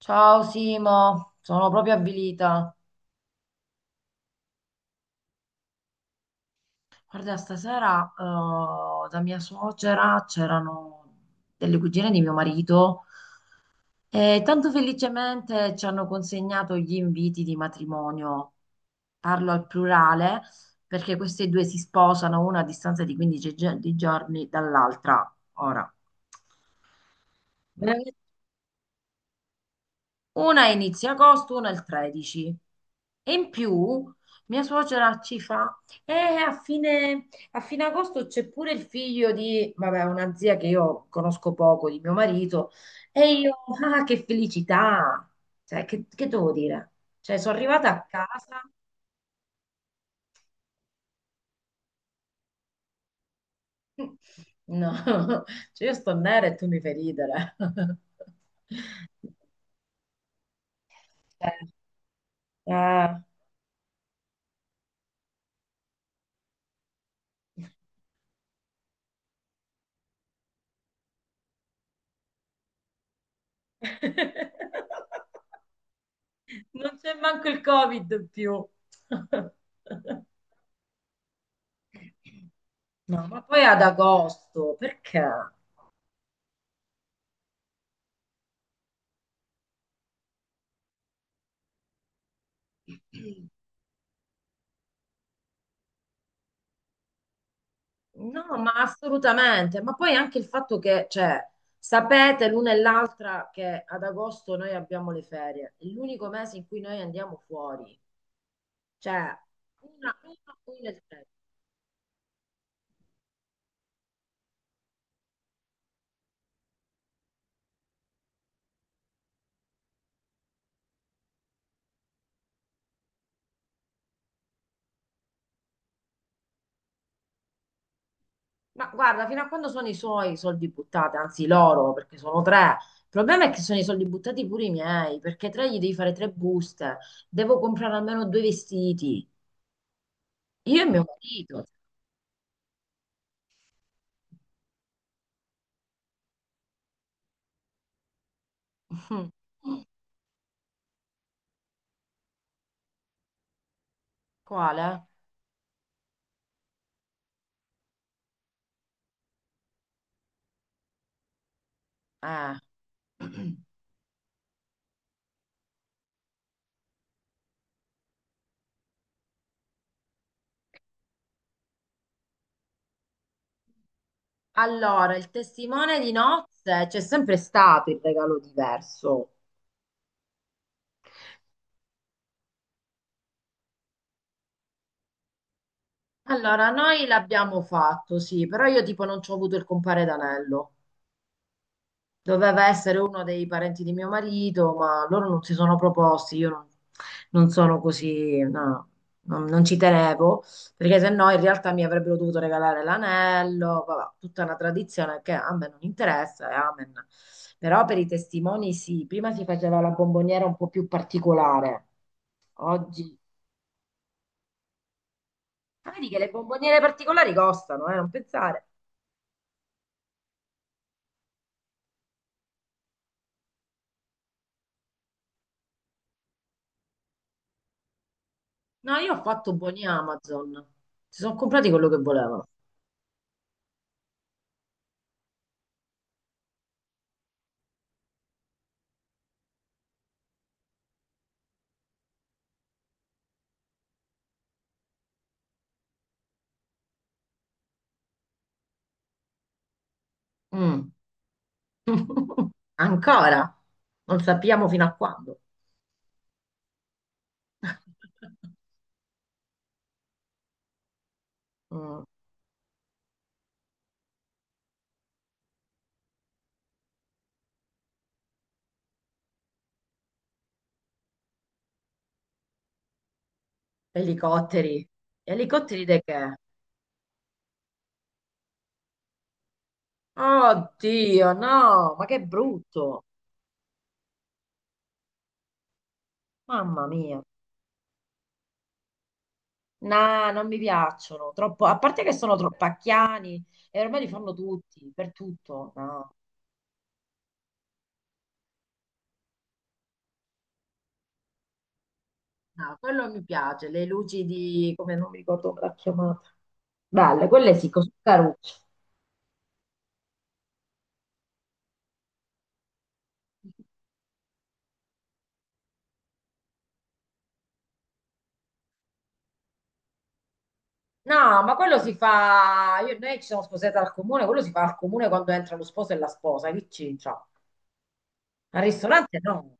Ciao Simo, sono proprio avvilita. Guarda, stasera da mia suocera c'erano delle cugine di mio marito e tanto felicemente ci hanno consegnato gli inviti di matrimonio. Parlo al plurale perché queste due si sposano una a distanza di 15 di giorni dall'altra. Ora, veramente una a inizio agosto, una il 13. E in più mia suocera ci fa, a fine agosto c'è pure il figlio di, vabbè, una zia che io conosco poco, di mio marito, e io, ah, che felicità! Cioè, che devo dire? Cioè, sono arrivata a casa. No. Cioè, io sto nera e tu mi fai ridere. Eh, eh. Non c'è manco il Covid più. No, ma poi ad agosto, perché? No, ma assolutamente, ma poi anche il fatto che, cioè, sapete l'una e l'altra che ad agosto noi abbiamo le ferie, è l'unico mese in cui noi andiamo fuori, cioè, una e tre. Ma guarda, fino a quando sono i suoi soldi buttati, anzi loro, perché sono tre. Il problema è che sono i soldi buttati pure i miei, perché tre gli devi fare tre buste, devo comprare almeno due vestiti. Io e mio marito. Quale? Eh. Allora, il testimone di nozze c'è sempre stato il regalo diverso. Allora, noi l'abbiamo fatto, sì, però io tipo non ci ho avuto il compare d'anello. Doveva essere uno dei parenti di mio marito, ma loro non si sono proposti. Io non sono così, no, non ci tenevo, perché se no in realtà mi avrebbero dovuto regalare l'anello, vabbè, tutta una tradizione che a me non interessa, e amen. Però per i testimoni sì, prima si faceva la bomboniera un po' più particolare. Oggi. Ah, vedi che le bomboniere particolari costano, non pensare. No, io ho fatto buoni Amazon, si sono comprati quello che volevano. Mm. Ancora, non sappiamo fino a quando. Mm, elicotteri. Elicotteri di che? Oddio, no, ma che brutto. Mamma mia. No, non mi piacciono. Troppo, a parte che sono troppo pacchiani e ormai li fanno tutti, per tutto. No, no, quello mi piace. Le luci di, come non mi ricordo come l'ha chiamata. Belle, quelle sì, così carucce. No, ma quello si fa. Noi ci siamo sposate al comune, quello si fa al comune quando entra lo sposo e la sposa, che c'entra? Al ristorante no.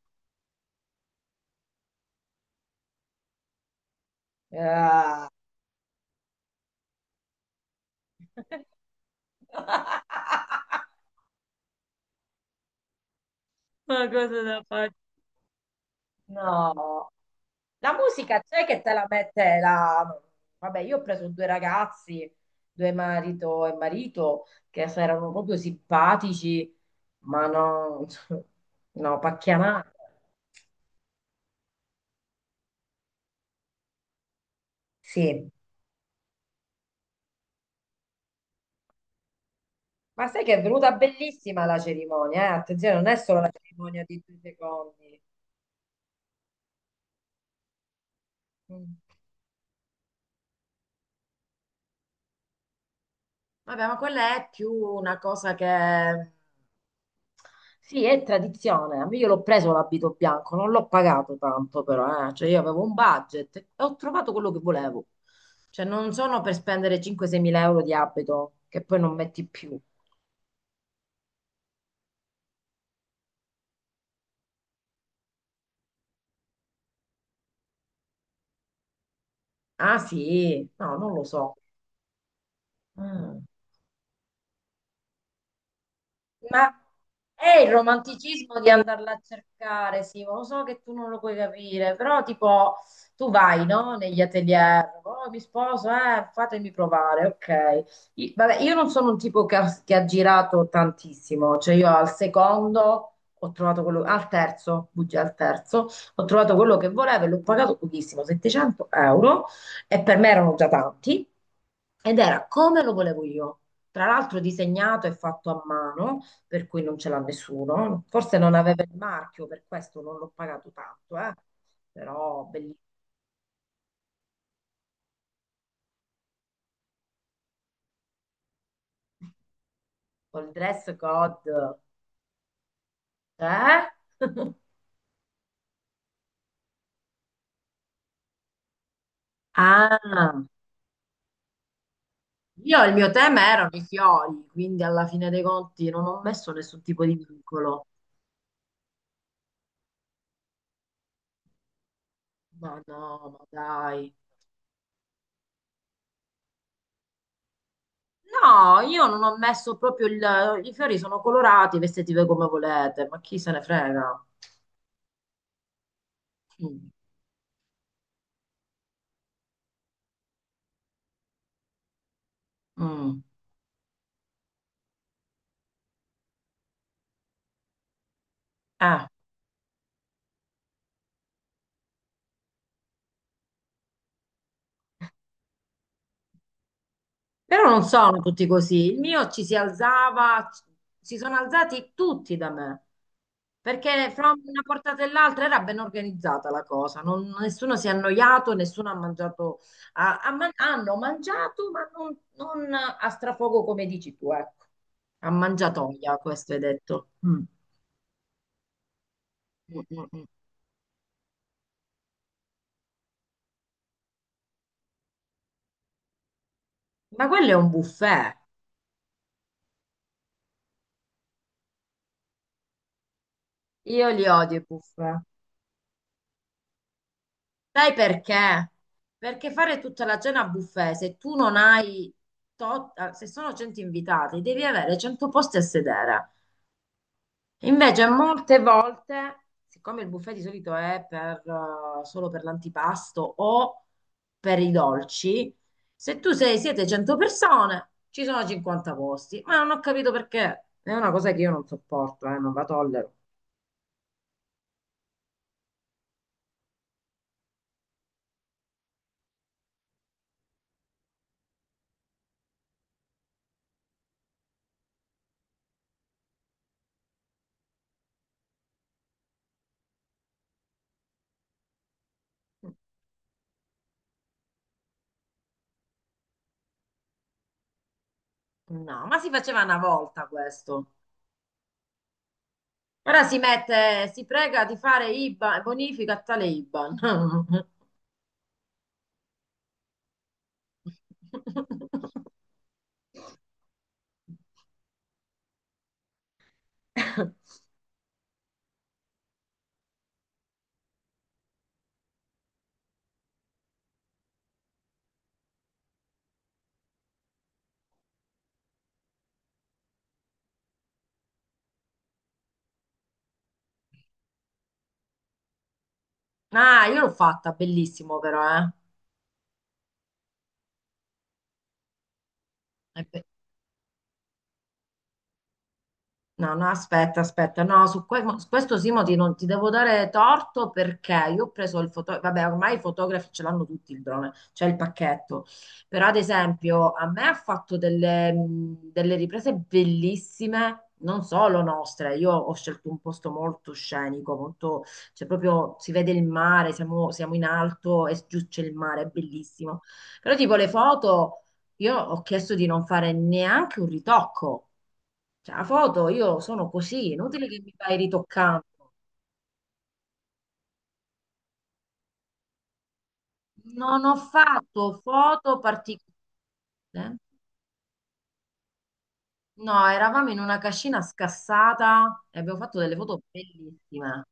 Eh. Ma cosa da fare? No. La musica c'è che te la mette la. Vabbè, io ho preso due ragazzi, due marito e marito, che se erano proprio simpatici, ma no. No, pacchianata. Sì. Ma sai che è venuta bellissima la cerimonia, eh? Attenzione, non è solo la cerimonia di due secondi. Mm. Vabbè, ma quella è più una cosa che. Sì, è tradizione. A me Io l'ho preso l'abito bianco, non l'ho pagato tanto però, eh. Cioè io avevo un budget e ho trovato quello che volevo. Cioè non sono per spendere 5-6 mila euro di abito che poi non metti più. Ah sì, no, non lo so. Mm. Ma è il romanticismo di andarla a cercare, Simo. Lo so che tu non lo puoi capire, però tipo tu vai, no? Negli atelier, oh, mi sposo, fatemi provare, ok. Vabbè, io non sono un tipo che ha, girato tantissimo, cioè io al secondo ho trovato quello, al terzo, bugia, al terzo, ho trovato quello che volevo e l'ho pagato pochissimo, 700 euro, e per me erano già tanti, ed era come lo volevo io. Tra l'altro disegnato e fatto a mano per cui non ce l'ha nessuno. Forse non aveva il marchio, per questo non l'ho pagato tanto, eh. Però bellissimo, il dress code. Eh? Ah, io il mio tema erano i fiori, quindi alla fine dei conti non ho messo nessun tipo di vincolo. Ma no, ma dai. No, io non ho messo proprio il. I fiori sono colorati, vestiti voi come volete, ma chi se ne frega? Mm. Mm. Eh. Però non sono tutti così. Il mio ci si alzava, si sono alzati tutti da me, perché fra una portata e l'altra era ben organizzata la cosa. Nessuno si è annoiato, nessuno ha mangiato, hanno mangiato, ma non a strafogo come dici tu, ecco. A mangiatoia, questo hai detto. Mm. Mm, mm, mm. Ma quello è un buffet. Io li odio i buffet. Sai perché? Perché fare tutta la cena a buffet, se tu non hai, se sono 100 invitati, devi avere 100 posti a sedere. Invece molte volte, siccome il buffet di solito è solo per l'antipasto o per i dolci, se tu siete 100 persone, ci sono 50 posti. Ma non ho capito perché. È una cosa che io non sopporto, non la tollero. No, ma si faceva una volta questo. Ora si mette, si prega di fare IBAN, bonifica a tale IBAN. Ah, io l'ho fatta, bellissimo però, eh. È be- No, no, aspetta, aspetta, no, su, su questo Simoti non ti devo dare torto perché io ho preso il fotografo, vabbè, ormai i fotografi ce l'hanno tutti il drone, c'è il pacchetto, però ad esempio a me ha fatto delle riprese bellissime, non solo nostre, io ho scelto un posto molto scenico, molto, cioè proprio si vede il mare, siamo in alto e giù c'è il mare, è bellissimo, però tipo le foto io ho chiesto di non fare neanche un ritocco. Cioè, la foto io sono così, è inutile che mi vai ritoccando. Non ho fatto foto particolari. Eh? No, eravamo in una cascina scassata e abbiamo fatto delle foto bellissime.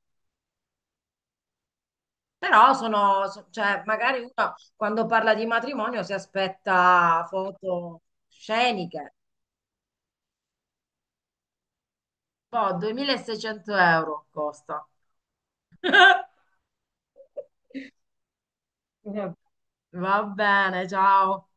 Però cioè, magari uno quando parla di matrimonio si aspetta foto sceniche. Boh, 2.600 euro costa. Va bene, ciao.